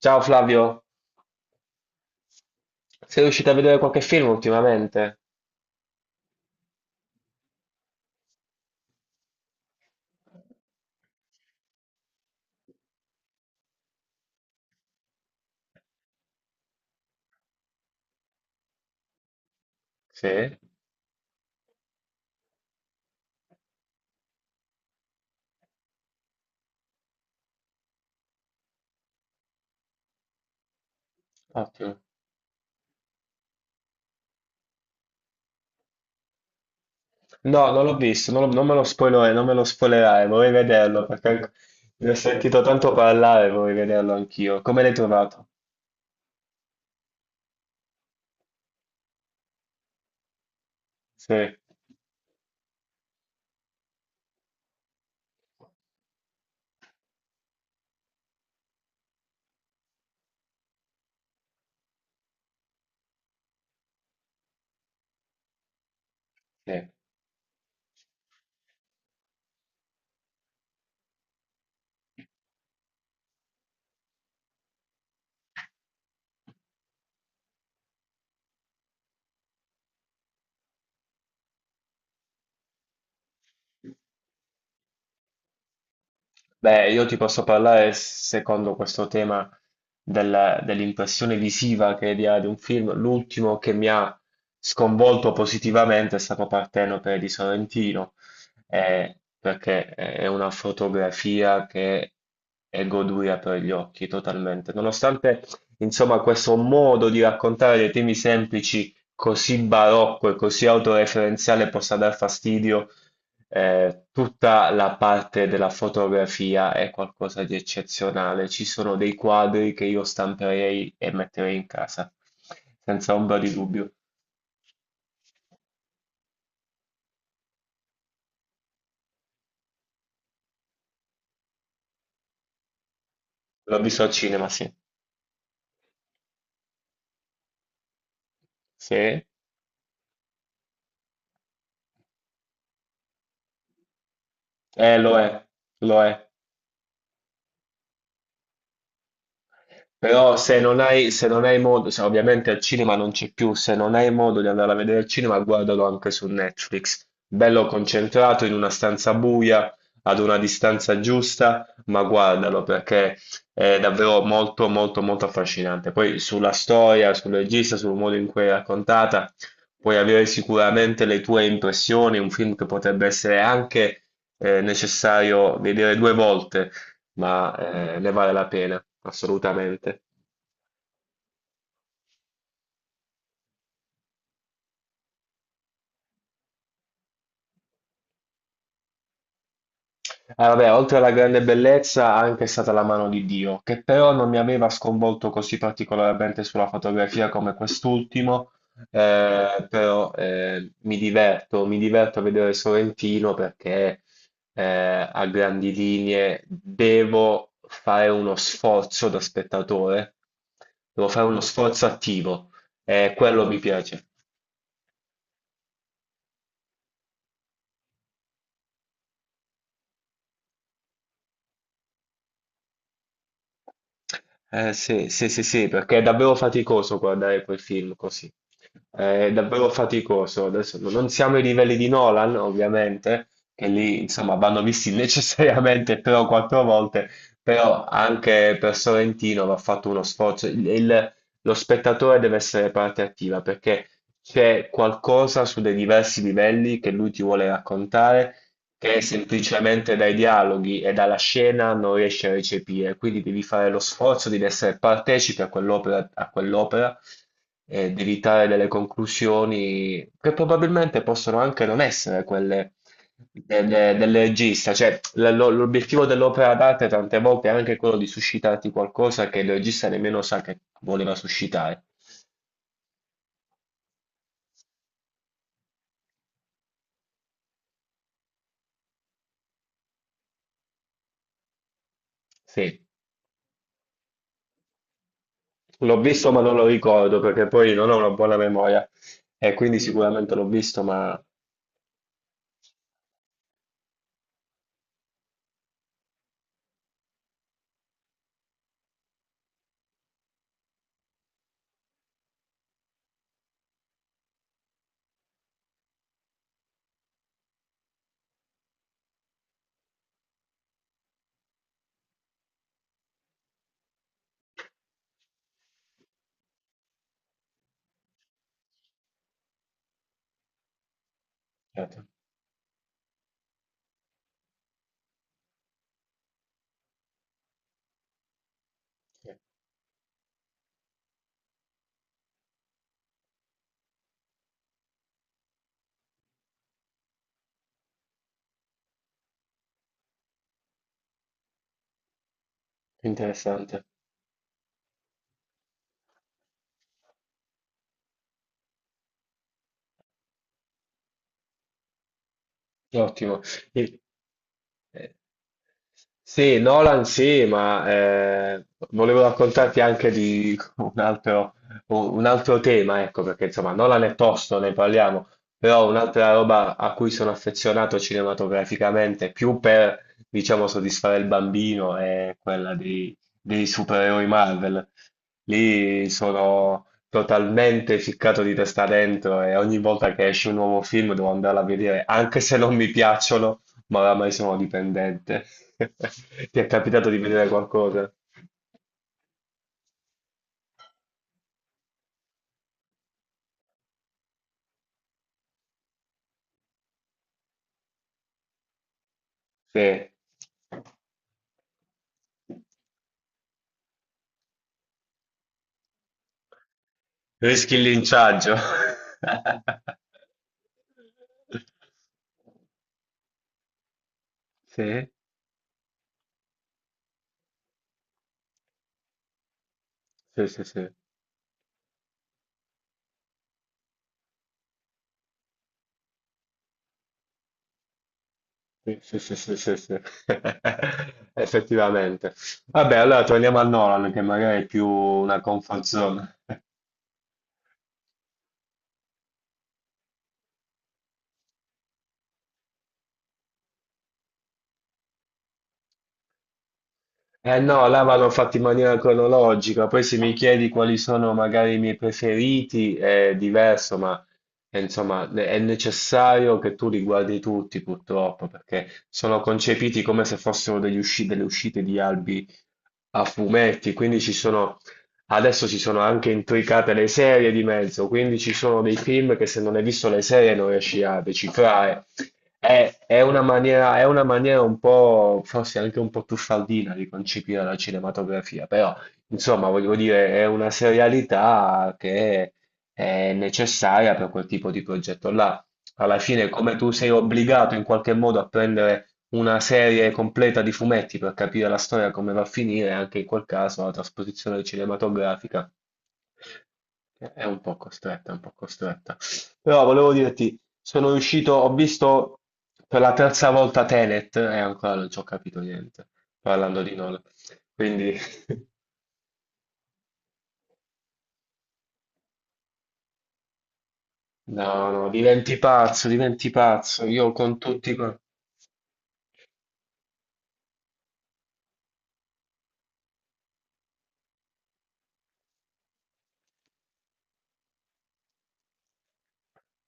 Ciao Flavio, sei riuscito a vedere qualche film ultimamente? Sì, ottimo. No, non l'ho visto, non me lo spoilerare, non me lo spoilerai, vorrei vederlo perché ne ho sentito tanto parlare, vorrei vederlo anch'io. Come l'hai trovato? Sì. Sì. Beh, io ti posso parlare secondo questo tema dell'impressione visiva che dia ad un film. L'ultimo che mi ha sconvolto positivamente è stato Partenope di Sorrentino, perché è una fotografia che è goduria per gli occhi totalmente. Nonostante, insomma, questo modo di raccontare dei temi semplici così barocco e così autoreferenziale possa dar fastidio. Tutta la parte della fotografia è qualcosa di eccezionale. Ci sono dei quadri che io stamperei e metterei in casa, senza ombra di dubbio. L'ho visto al cinema, sì. Sì? Lo è, lo è. Però se non hai modo, se ovviamente al cinema non c'è più, se non hai modo di andare a vedere il cinema, guardalo anche su Netflix. Bello concentrato in una stanza buia, ad una distanza giusta, ma guardalo perché è davvero molto, molto, molto affascinante. Poi sulla storia, sul regista, sul modo in cui è raccontata, puoi avere sicuramente le tue impressioni, un film che potrebbe essere anche necessario vedere 2 volte, ma ne vale la pena, assolutamente. Ah, vabbè, oltre alla grande bellezza, anche è stata la mano di Dio, che però non mi aveva sconvolto così particolarmente sulla fotografia come quest'ultimo, però mi diverto a vedere Sorrentino perché a grandi linee devo fare uno sforzo da spettatore, devo fare uno sforzo attivo e quello mi piace. Sì, sì, sì, sì, perché è davvero faticoso guardare quel film così. È davvero faticoso. Adesso non siamo ai livelli di Nolan, ovviamente, che lì, insomma, vanno visti necessariamente 3 o 4 volte, però anche per Sorrentino va fatto uno sforzo. Lo spettatore deve essere parte attiva perché c'è qualcosa su dei diversi livelli che lui ti vuole raccontare, che semplicemente dai dialoghi e dalla scena non riesci a recepire, quindi devi fare lo sforzo di essere partecipe a quell'opera e devi trarre delle conclusioni che probabilmente possono anche non essere quelle del regista, cioè l'obiettivo dell'opera d'arte tante volte è anche quello di suscitarti qualcosa che il regista nemmeno sa che voleva suscitare. Sì, l'ho visto ma non lo ricordo perché poi non ho una buona memoria. E quindi sicuramente l'ho visto, ma certo, sì. Interessante, ottimo. E- eh, Sì, Nolan sì, ma volevo raccontarti anche di un altro, tema, ecco, perché insomma Nolan è tosto, ne parliamo, però un'altra roba a cui sono affezionato cinematograficamente, più per, diciamo, soddisfare il bambino, è quella di dei supereroi Marvel. Lì sono totalmente ficcato di testa dentro e ogni volta che esce un nuovo film devo andarla a vedere, anche se non mi piacciono, ma oramai sono dipendente. Ti è capitato di vedere qualcosa? Sì. Rischi il linciaggio. Sì, sì, sì, sì. Sì, sì, sì, sì, sì, sì. Effettivamente. Vabbè, allora torniamo a Nolan, che magari è più una comfort zone. Eh no, là vanno fatti in maniera cronologica, poi se mi chiedi quali sono magari i miei preferiti è diverso, ma insomma, è necessario che tu li guardi tutti purtroppo, perché sono concepiti come se fossero degli delle uscite di albi a fumetti, quindi ci sono adesso ci sono anche intricate le serie di mezzo, quindi ci sono dei film che se non hai visto le serie non riesci a decifrare. È una maniera un po', forse anche un po' truffaldina di concepire la cinematografia, però insomma, voglio dire, è una serialità che è necessaria per quel tipo di progetto là. Alla fine, come tu sei obbligato in qualche modo a prendere una serie completa di fumetti per capire la storia come va a finire, anche in quel caso la trasposizione cinematografica è un po' costretta, è un po' costretta. Però volevo dirti, sono riuscito, ho visto per la terza volta Tenet e ancora non ci ho capito niente, parlando di Nolan. Quindi, no, no, diventi pazzo, io con tutti.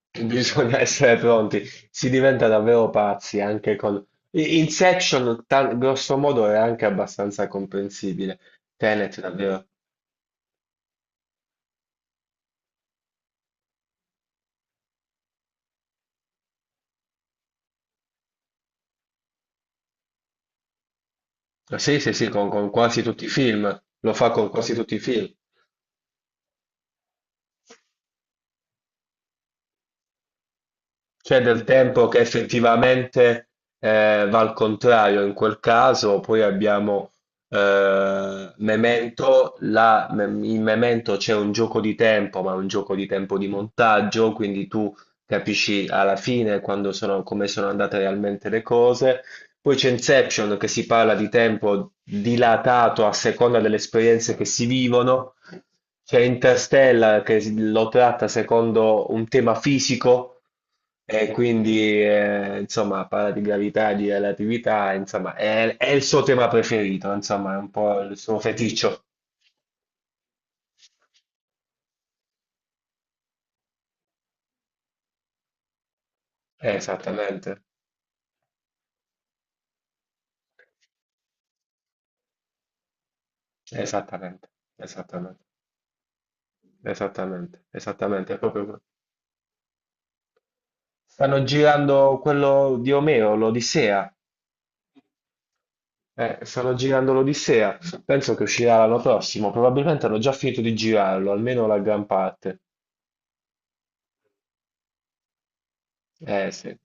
Bisogna essere pronti, si diventa davvero pazzi anche con Inception, grosso modo, è anche abbastanza comprensibile. Tenet, davvero. Sì, sì, sì, con quasi tutti i film, lo fa con quasi tutti i film. C'è del tempo che effettivamente va al contrario in quel caso, poi abbiamo Memento, in Memento c'è un gioco di tempo, ma un gioco di tempo di montaggio, quindi tu capisci alla fine come sono andate realmente le cose. Poi c'è Inception che si parla di tempo dilatato a seconda delle esperienze che si vivono, c'è Interstellar che lo tratta secondo un tema fisico, e quindi insomma parla di gravità, di relatività, insomma è il suo tema preferito, insomma è un po' il suo feticcio. Esattamente, esattamente, esattamente, esattamente, esattamente, è proprio quello. Stanno girando quello di Omero, l'Odissea. Stanno girando l'Odissea, penso che uscirà l'anno prossimo, probabilmente hanno già finito di girarlo, almeno la gran parte. Sì.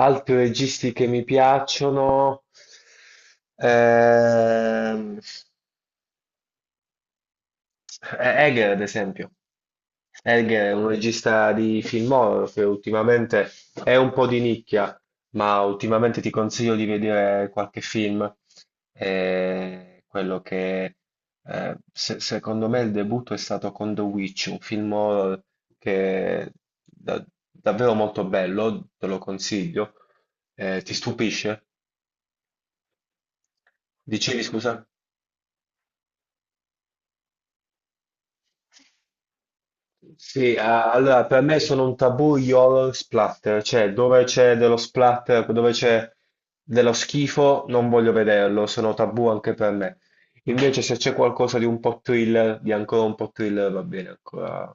Altri registi che mi piacciono, ehm, Eh, Egger, ad esempio. Egger è un regista di film horror che ultimamente è un po' di nicchia, ma ultimamente ti consiglio di vedere qualche film. Quello che se- secondo me il debutto è stato con The Witch, un film horror che è da- davvero molto bello, te lo consiglio. Ti stupisce? Dicevi scusa? Sì, allora per me sono un tabù gli horror splatter, cioè dove c'è dello splatter, dove c'è dello schifo, non voglio vederlo, sono tabù anche per me. Invece se c'è qualcosa di un po' thriller, di ancora un po' thriller, va bene ancora.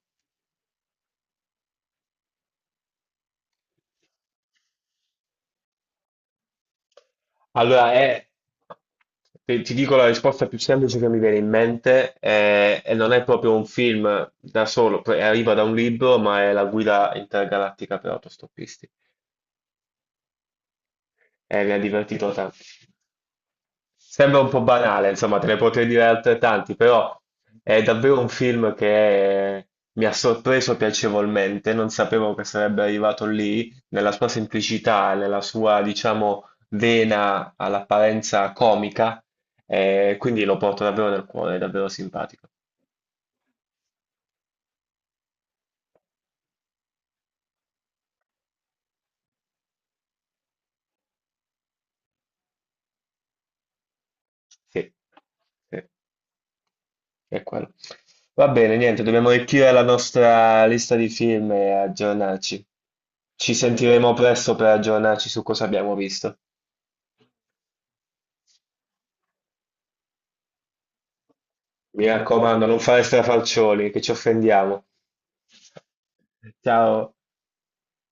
Allora, ti dico la risposta più semplice che mi viene in mente, e non è proprio un film da solo, poi arriva da un libro, ma è La guida intergalattica per autostoppisti. E mi ha divertito tanto. Sembra un po' banale, insomma, te ne potrei dire altrettanti, però è davvero un film che mi ha sorpreso piacevolmente. Non sapevo che sarebbe arrivato lì, nella sua semplicità, nella sua, diciamo, vena all'apparenza comica, e quindi lo porto davvero nel cuore, è davvero simpatico. Sì, sì, è quello. Va bene, niente, dobbiamo arricchire la nostra lista di film e aggiornarci. Ci sentiremo presto per aggiornarci su cosa abbiamo visto. Mi raccomando, non fare strafalcioni, che ci offendiamo. Ciao.